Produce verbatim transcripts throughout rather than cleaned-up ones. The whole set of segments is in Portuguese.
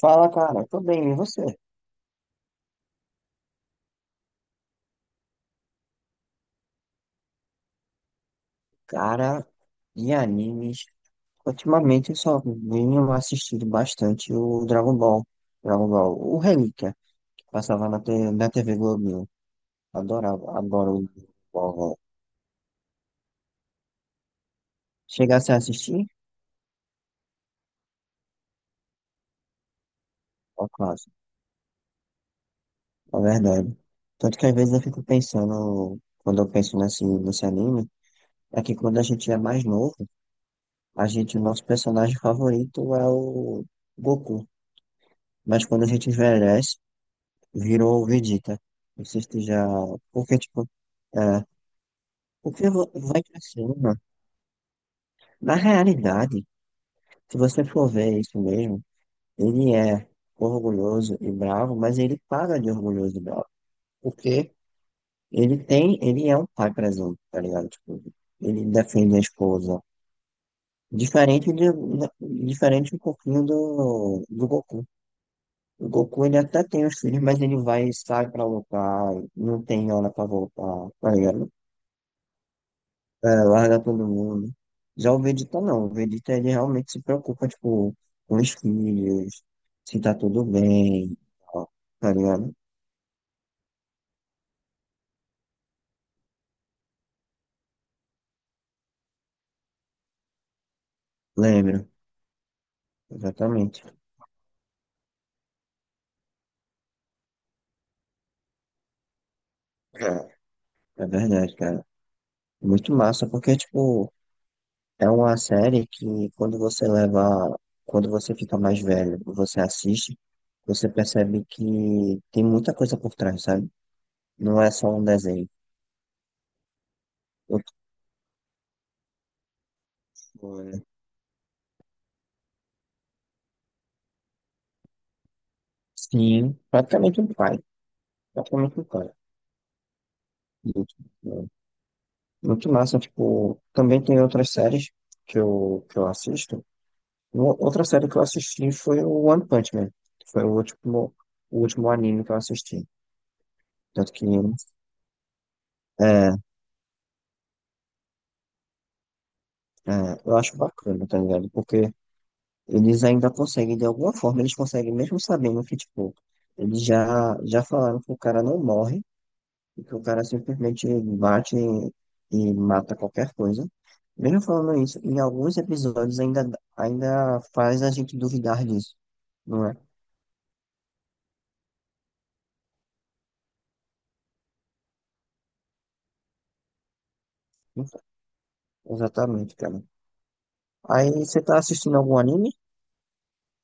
Fala, cara. Tô bem, e você? Cara, de animes, ultimamente eu só venho assistindo bastante o Dragon Ball. Dragon Ball, o Relíquia, que passava na, T- na T V Globinho. Adorava, adoro o Dragon Ball. Chegasse a assistir? Ó, clássico, é verdade. Tanto que às vezes eu fico pensando, quando eu penso nesse, nesse anime, é que quando a gente é mais novo, a gente, o nosso personagem favorito é o Goku. Mas quando a gente envelhece, virou Vegeta. Não sei se tu já. Porque, tipo, é, porque vo- vai crescendo. Na realidade, se você for ver isso mesmo, ele é orgulhoso e bravo, mas ele paga de orgulhoso e bravo. Porque ele tem, ele é um pai presente, tá ligado? Tipo, ele defende a esposa. Diferente de, da- diferente um pouquinho do, do Goku. O Goku ele até tem os filhos, mas ele vai, e sai pra lutar, não tem hora pra voltar, tá ligado? É, larga todo mundo. Já o Vegeta não. O Vegeta ele realmente se preocupa, tipo, com os filhos, se tá tudo bem, ó, tá ligado? Lembro, exatamente. É, é verdade, cara. Muito massa, porque, tipo, é uma série que quando você leva, quando você fica mais velho, você assiste, você percebe que tem muita coisa por trás, sabe? Não é só um desenho. Eu, tipo, é, sim, praticamente um pai. Praticamente um pai. Muito massa, tipo, também tem outras séries que eu, que eu assisto. Uma- Outra série que eu assisti foi o One Punch Man, que foi o último, o último anime que eu assisti. Tanto que é, é, eu acho bacana, tá ligado? Porque eles ainda conseguem, de alguma forma, eles conseguem, mesmo sabendo que, tipo, eles já, já falaram que o cara não morre. Porque o cara simplesmente bate e, e mata qualquer coisa. Mesmo falando isso, em alguns episódios ainda, ainda faz a gente duvidar disso, não é? Então, exatamente, cara. Aí você tá assistindo algum anime?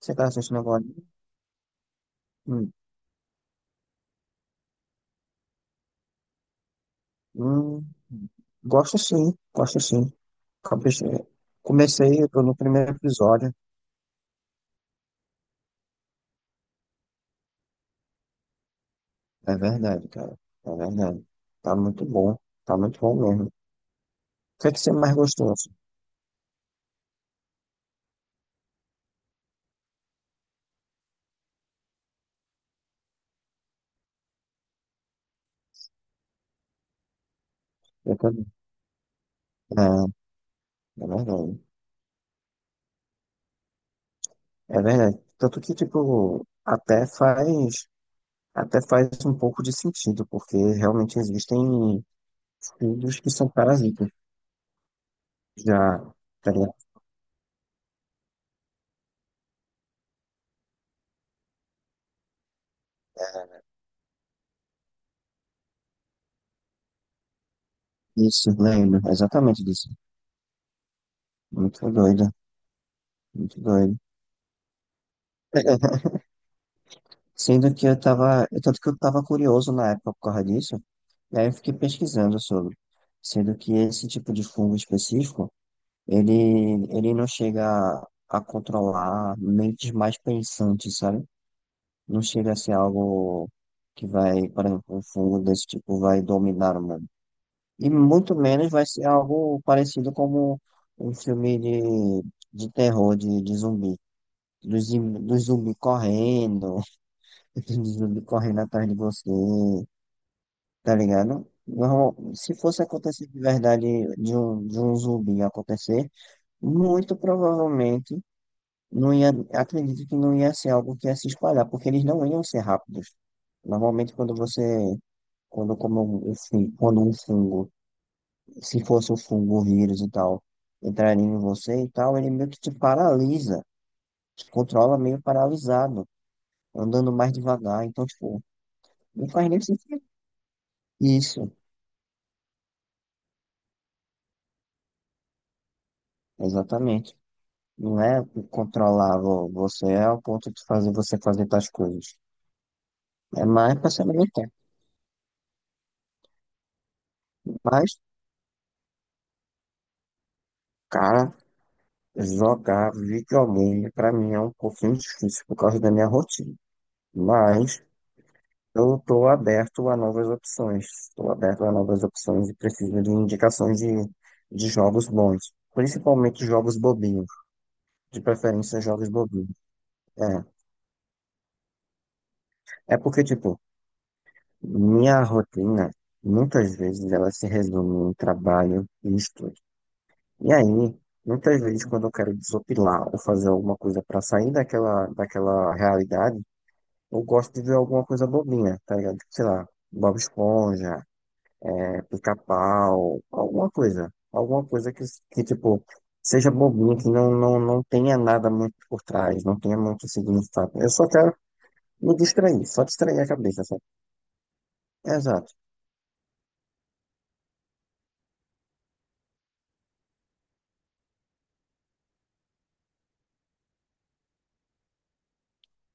Você tá assistindo algum anime? Hum, hum, gosto sim, gosto sim. Comecei, comecei, eu tô no primeiro episódio. É verdade, cara. É verdade. Tá muito bom. Tá muito bom mesmo. O que é que você mais gostou, assim? Eu tô... É, é verdade. É verdade. Tanto que, tipo, até faz, até faz um pouco de sentido, porque realmente existem filhos que são parasitas. Já, tá ligado? É isso, lembro, exatamente disso. Muito doido, muito doido. Sendo que eu tava, tanto que eu tava curioso na época por causa disso, e aí eu fiquei pesquisando sobre. Sendo que esse tipo de fungo específico, ele, ele não chega a, a controlar mentes mais pensantes, sabe? Não chega a ser algo que vai, por exemplo, um fungo desse tipo vai dominar o mundo. E muito menos vai ser algo parecido como um filme de, de terror, de, de zumbi. Dos zim- dos zumbi correndo, dos zumbi correndo atrás de você, tá ligado? Normal- se fosse acontecer de verdade de um, de um zumbi acontecer, muito provavelmente não ia, acredito que não ia ser algo que ia se espalhar, porque eles não iam ser rápidos. Normalmente, quando você, quando como um, um fun- quando um fungo, se fosse um fungo, um vírus e tal, entraria em você e tal, ele meio que te paralisa, te controla meio paralisado, andando mais devagar. Então, tipo, não faz nem sentido. Isso, exatamente. Não é controlar vo- você é ao ponto de fazer você fazer tais coisas. É mais pra se alimentar. Mas, cara. Jogar videogame para mim é um pouquinho difícil por causa da minha rotina, mas eu estou aberto a novas opções, estou aberto a novas opções e preciso de indicações de, de jogos bons, principalmente jogos bobinhos, de preferência jogos bobinhos. É, é porque, tipo, minha rotina muitas vezes ela se resume em trabalho e estudo. E aí, muitas vezes quando eu quero desopilar ou fazer alguma coisa para sair daquela, daquela realidade, eu gosto de ver alguma coisa bobinha, tá ligado? Sei lá, Bob Esponja, é, Pica-Pau, alguma coisa. Alguma coisa que, que, tipo, seja bobinha, que não, não, não tenha nada muito por trás, não tenha muito significado. Eu só quero me distrair, só distrair a cabeça, sabe? Exato.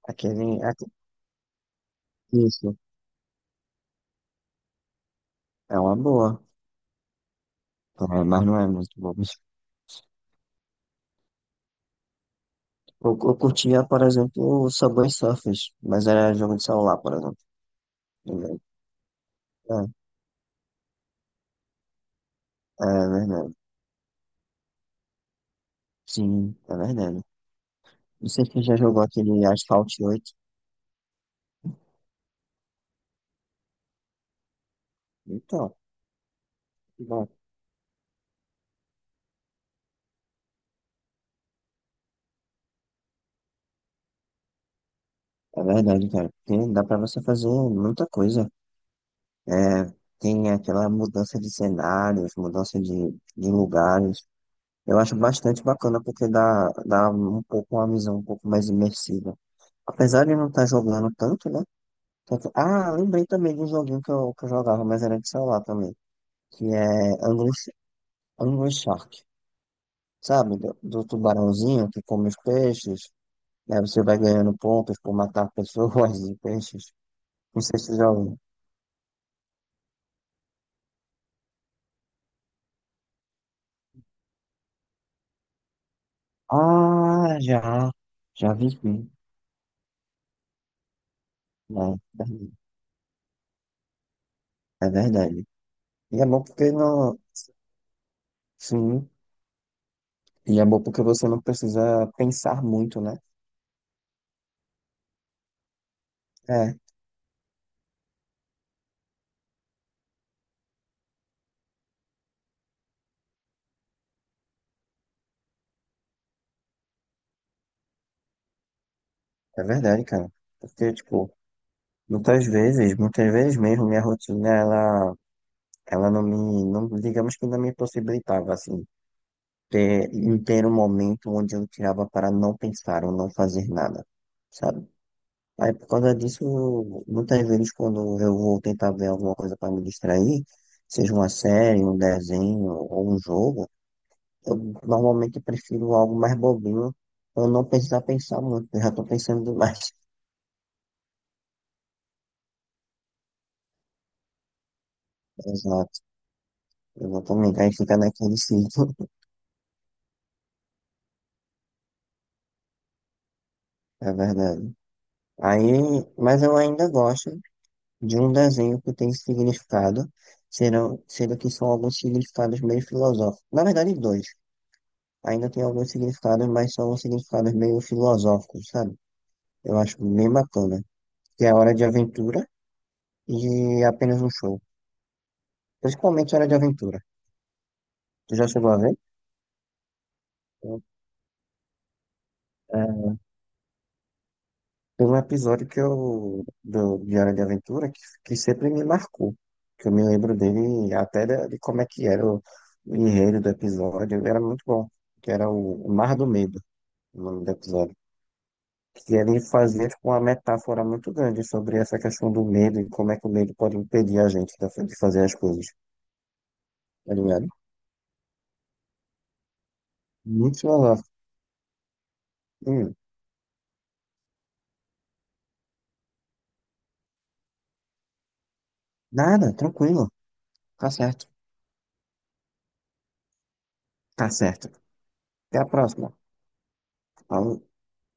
Aquele, aque- isso, é uma boa. É, mas não é muito bom. Eu, eu curtia, por exemplo, o Subway Surfers, mas era jogo de celular, por exemplo. É, é verdade. Sim, é verdade. Não sei quem já jogou aquele Asphalt oito. Então, bom, é verdade, cara. Tem, dá pra você fazer muita coisa. É, tem aquela mudança de cenários, mudança de, de lugares. Eu acho bastante bacana porque dá, dá um pouco uma visão um pouco mais imersiva. Apesar de não estar jogando tanto, né? Tanto- Ah, lembrei também de um joguinho que eu, que eu jogava, mas era de celular também, que é Angry, Angry Shark. Sabe, do, do tubarãozinho que come os peixes. Aí você vai ganhando pontos por matar pessoas e peixes. Não sei se você já ouviu. Ah, já. Já vi sim. Não, é verdade. E é bom porque não. Sim. E é bom porque você não precisa pensar muito, né? É, é verdade, cara. Porque, tipo, muitas vezes, muitas vezes mesmo, minha rotina, ela, ela não me, não, digamos que não me possibilitava, assim, ter, em ter um momento onde eu tirava para não pensar ou não fazer nada, sabe? Aí por causa disso, muitas vezes quando eu vou tentar ver alguma coisa para me distrair, seja uma série, um desenho ou um jogo, eu normalmente prefiro algo mais bobinho pra eu não precisar pensar muito, eu já estou pensando demais. Exato, exatamente. Aí fica naquele ciclo, é verdade. Aí, mas eu ainda gosto de um desenho que tem significado, sendo, sendo que são alguns significados meio filosóficos. Na verdade, dois. Ainda tem alguns significados, mas são significados meio filosóficos, sabe? Eu acho bem bacana. Que é a Hora de Aventura e apenas um show. Principalmente Hora de Aventura. Tu já chegou a ver? É, tem um episódio que eu, do, de Hora de Aventura que, que sempre me marcou. Que eu me lembro dele até de, de como é que era o, o enredo do episódio. Era muito bom. Que era o, o Mar do Medo, o nome do episódio. Que ele fazia tipo, uma metáfora muito grande sobre essa questão do medo e como é que o medo pode impedir a gente da- de fazer as coisas, tá ligado? Muito filosófico. Hum, nada, tranquilo. Tá certo. Tá certo. Até a próxima. Falou.